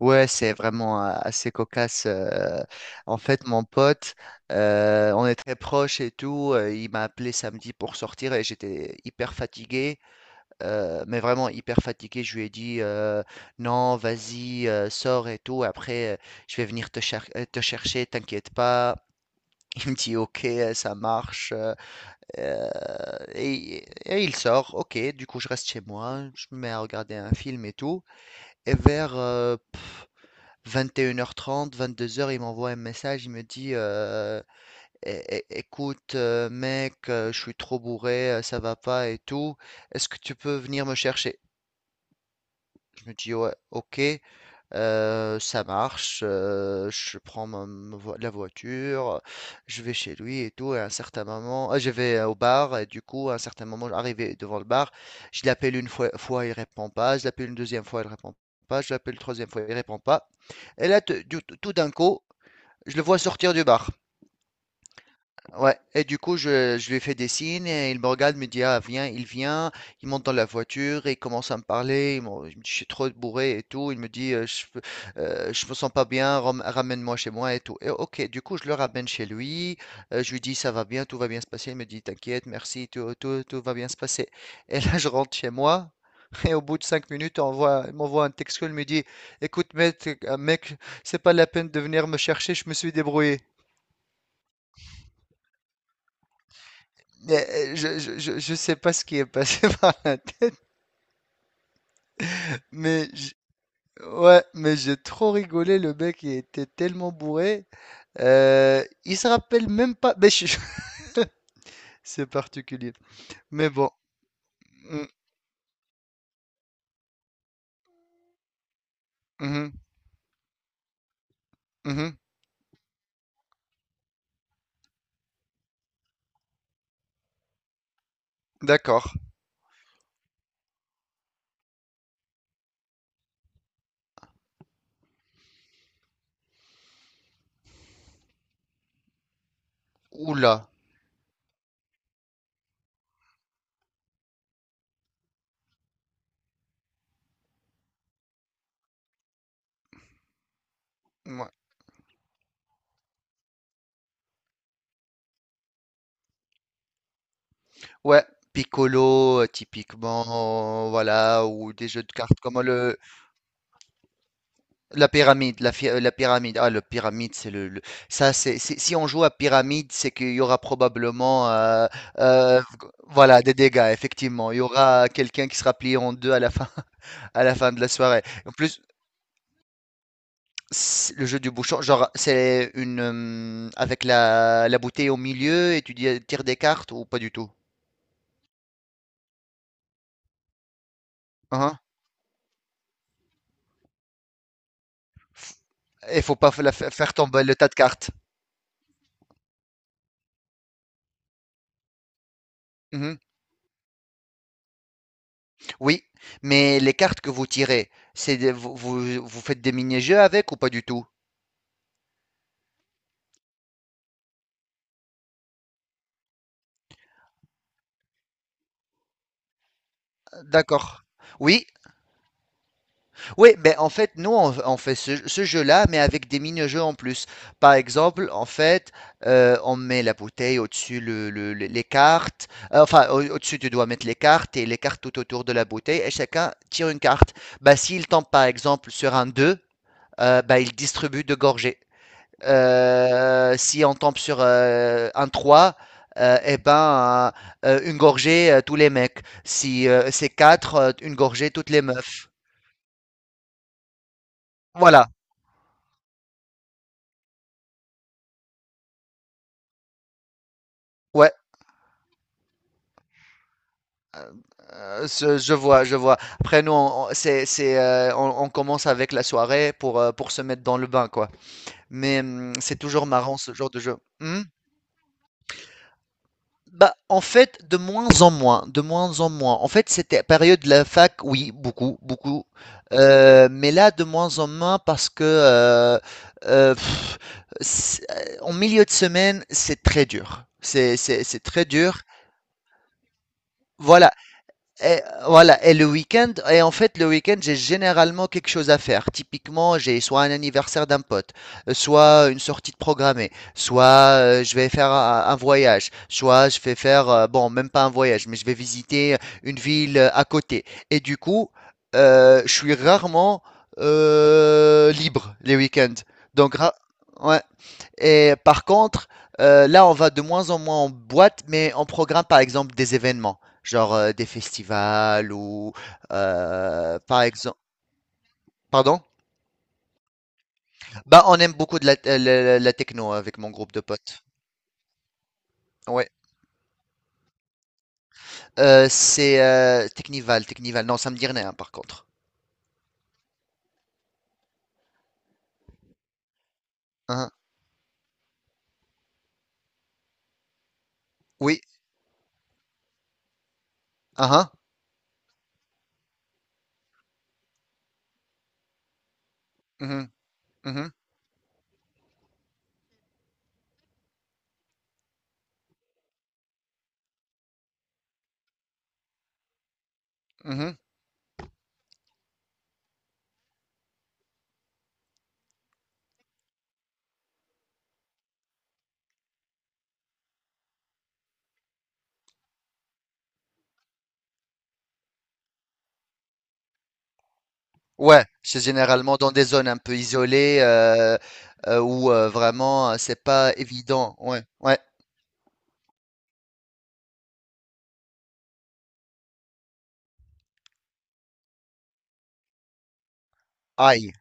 Ouais, c'est vraiment assez cocasse. En fait, mon pote, on est très proches et tout. Il m'a appelé samedi pour sortir et j'étais hyper fatigué, mais vraiment hyper fatigué. Je lui ai dit non, vas-y, sors et tout. Après, je vais venir te chercher, t'inquiète pas. Il me dit ok, ça marche. Euh, et il sort. Ok, du coup, je reste chez moi. Je me mets à regarder un film et tout. Et vers 21h30, 22h, il m'envoie un message, il me dit Écoute, mec, je suis trop bourré, ça va pas et tout. Est-ce que tu peux venir me chercher? Je me dis ouais, ok, ça marche. Je prends la voiture, je vais chez lui et tout. Et à un certain moment, je vais au bar, et du coup, à un certain moment, arrivé devant le bar, je l'appelle une fois, il répond pas, je l'appelle une deuxième fois, il répond pas, je l'appelle une troisième fois, il répond pas. Et là, tout d'un coup, je le vois sortir du bar. Ouais. Et du coup, je lui fais des signes et il me regarde, me dit, ah, viens, il vient. Il monte dans la voiture et il commence à me parler. Je me dis, je suis trop bourré et tout. Il me dit, je me sens pas bien, ramène-moi chez moi et tout. Et ok, du coup, je le ramène chez lui. Je lui dis, ça va bien, tout va bien se passer. Il me dit, t'inquiète, merci, tout va bien se passer. Et là, je rentre chez moi. Et au bout de 5 minutes, on voit, il m'envoie un texto, il me dit, écoute, mec, c'est pas la peine de venir me chercher, je me suis débrouillé. Mais, je sais pas ce qui est passé par la tête, mais j ouais, mais j'ai trop rigolé, le mec, il était tellement bourré, il se rappelle même pas mais je c'est particulier. Mais bon. Mmh. Mmh mh. Mmh. D'accord. Ouh là! Ouais, Piccolo, typiquement, voilà, ou des jeux de cartes comme le… La pyramide, la pyramide. Ah, le pyramide, c'est ça, si on joue à pyramide, c'est qu'il y aura probablement, euh, voilà, des dégâts. Effectivement, il y aura quelqu'un qui sera plié en deux à la fin, à la fin de la soirée. En plus, le jeu du bouchon, genre, c'est une, avec la bouteille au milieu et tu tires des cartes ou pas du tout. Hein? Il faut pas faire tomber le tas de cartes. Mhm. Oui, mais les cartes que vous tirez, c'est des- vous, vous- vous faites des mini-jeux avec ou pas du tout? D'accord. Oui, oui, ben en fait, nous, on fait ce jeu-là, mais avec des mini-jeux en plus. Par exemple, en fait, on met la bouteille au-dessus les cartes. Enfin, au-dessus, tu dois mettre les cartes et les cartes tout autour de la bouteille, et chacun tire une carte. Bah, s'il tombe, par exemple, sur un 2, bah, il distribue deux gorgées. Si on tombe sur un 3, eh ben, une gorgée, tous les mecs. Si c'est 4, une gorgée, toutes les meufs. Voilà, ouais. Je vois, je vois. Après, nous, on commence avec la soirée pour se mettre dans le bain, quoi. Mais c'est toujours marrant ce genre de jeu. Hmm. Bah, en fait, de moins en moins, de moins en moins. En fait, c'était période de la fac, oui, beaucoup, beaucoup. Mais là, de moins en moins parce que euh, pff, en milieu de semaine, c'est très dur. C'est très dur. Voilà, et voilà, et le week-end, et en fait, le week-end, j'ai généralement quelque chose à faire. Typiquement, j'ai soit un anniversaire d'un pote, soit une sortie de programmée, soit je vais faire un voyage, soit je vais faire, bon, même pas un voyage, mais je vais visiter une ville à côté. Et du coup, je suis rarement libre les week-ends. Donc, ra- ouais. Et par contre, là, on va de moins en moins en boîte, mais on programme par exemple des événements, genre des festivals ou par exemple. Pardon? Bah, on aime beaucoup de la techno avec mon groupe de potes. Ouais. C'est Technival. Non, ça me dit rien, hein, par contre. Hein? Hein. Oui. Hein? Mhm, mhm, mhm. Ouais, c'est généralement dans des zones un peu isolées où vraiment c'est pas évident. Ouais, ouais. Aïe,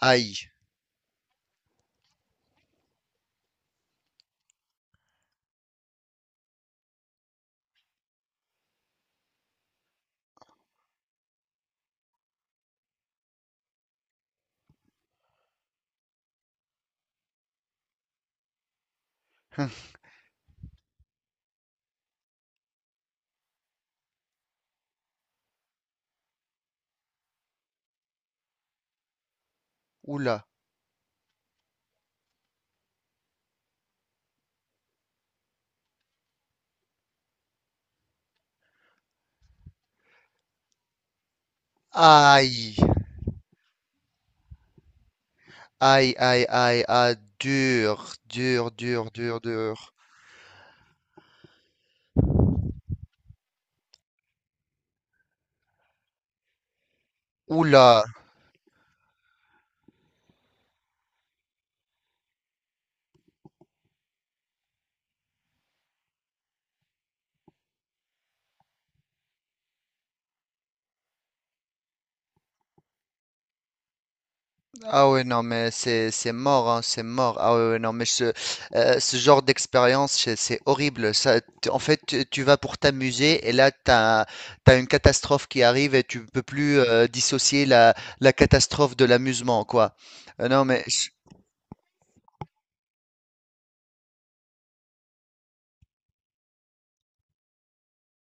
aïe. Oula. Aïe. Aïe, aïe, aïe, aïe. Dur, dur, dur, dur, dur. Oula. Ah ouais, non, mais c'est mort, hein, c'est mort. Ah ouais, ouais, non, mais ce genre d'expérience, c'est horrible. Ça, en fait, tu vas pour t'amuser et là, t'as une catastrophe qui arrive et tu peux plus dissocier la catastrophe de l'amusement, quoi. Non, mais…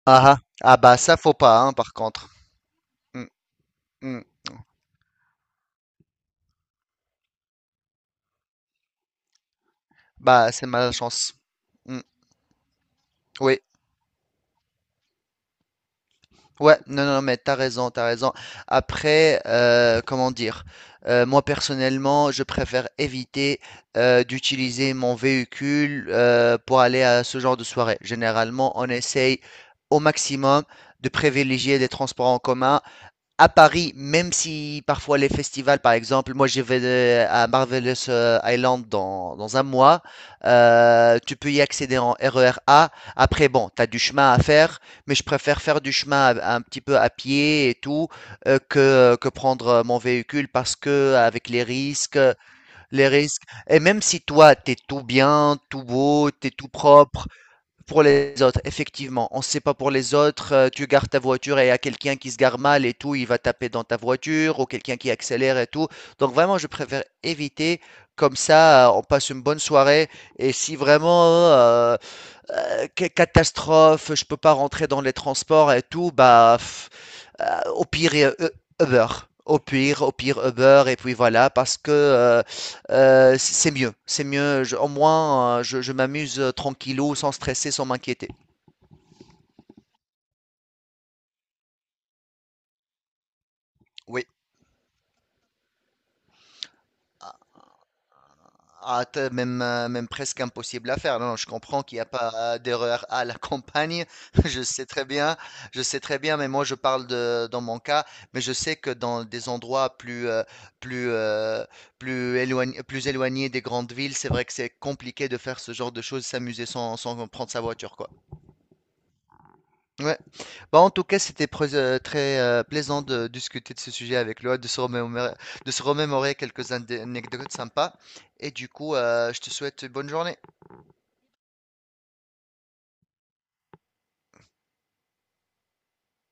Ah, ah. Ah bah, ça, faut pas, hein, par contre. Mm, mm. Bah, c'est malchance. Mm. Oui. Ouais, non, non, mais t'as raison, t'as raison. Après, comment dire, moi personnellement, je préfère éviter d'utiliser mon véhicule pour aller à ce genre de soirée. Généralement, on essaye au maximum de privilégier des transports en commun à Paris, même si parfois les festivals, par exemple, moi j'y vais à Marvelous Island dans un mois, tu peux y accéder en RER A. Après, bon, tu as du chemin à faire, mais je préfère faire un petit peu à pied et tout que prendre mon véhicule parce que avec les risques, et même si toi, tu es tout bien, tout beau, tu es tout propre, pour les autres, effectivement, on ne sait pas pour les autres. Euh, tu gardes ta voiture et il y a quelqu'un qui se gare mal et tout, il va taper dans ta voiture ou quelqu'un qui accélère et tout. Donc vraiment, je préfère éviter. Comme ça, on passe une bonne soirée. Et si vraiment catastrophe, je peux pas rentrer dans les transports et tout, bah, au pire Uber. Au pire Uber et puis voilà parce que, c'est mieux, je au moins, je m'amuse tranquillou, sans stresser, sans m'inquiéter. Oui. Ah, t'as même, même presque impossible à faire. Non, non, je comprends qu'il n'y a pas d'erreur à la campagne. Je sais très bien, je sais très bien, mais moi je parle de, dans mon cas, mais je sais que dans des endroits plus, euh, plus éloignés des grandes villes, c'est vrai que c'est compliqué de faire ce genre de choses, s'amuser sans prendre sa voiture, quoi. Ouais. Bah, en tout cas, c'était très plaisant de discuter de ce sujet avec Loa, de se remémorer quelques anecdotes sympas. Et du coup, je te souhaite une bonne journée.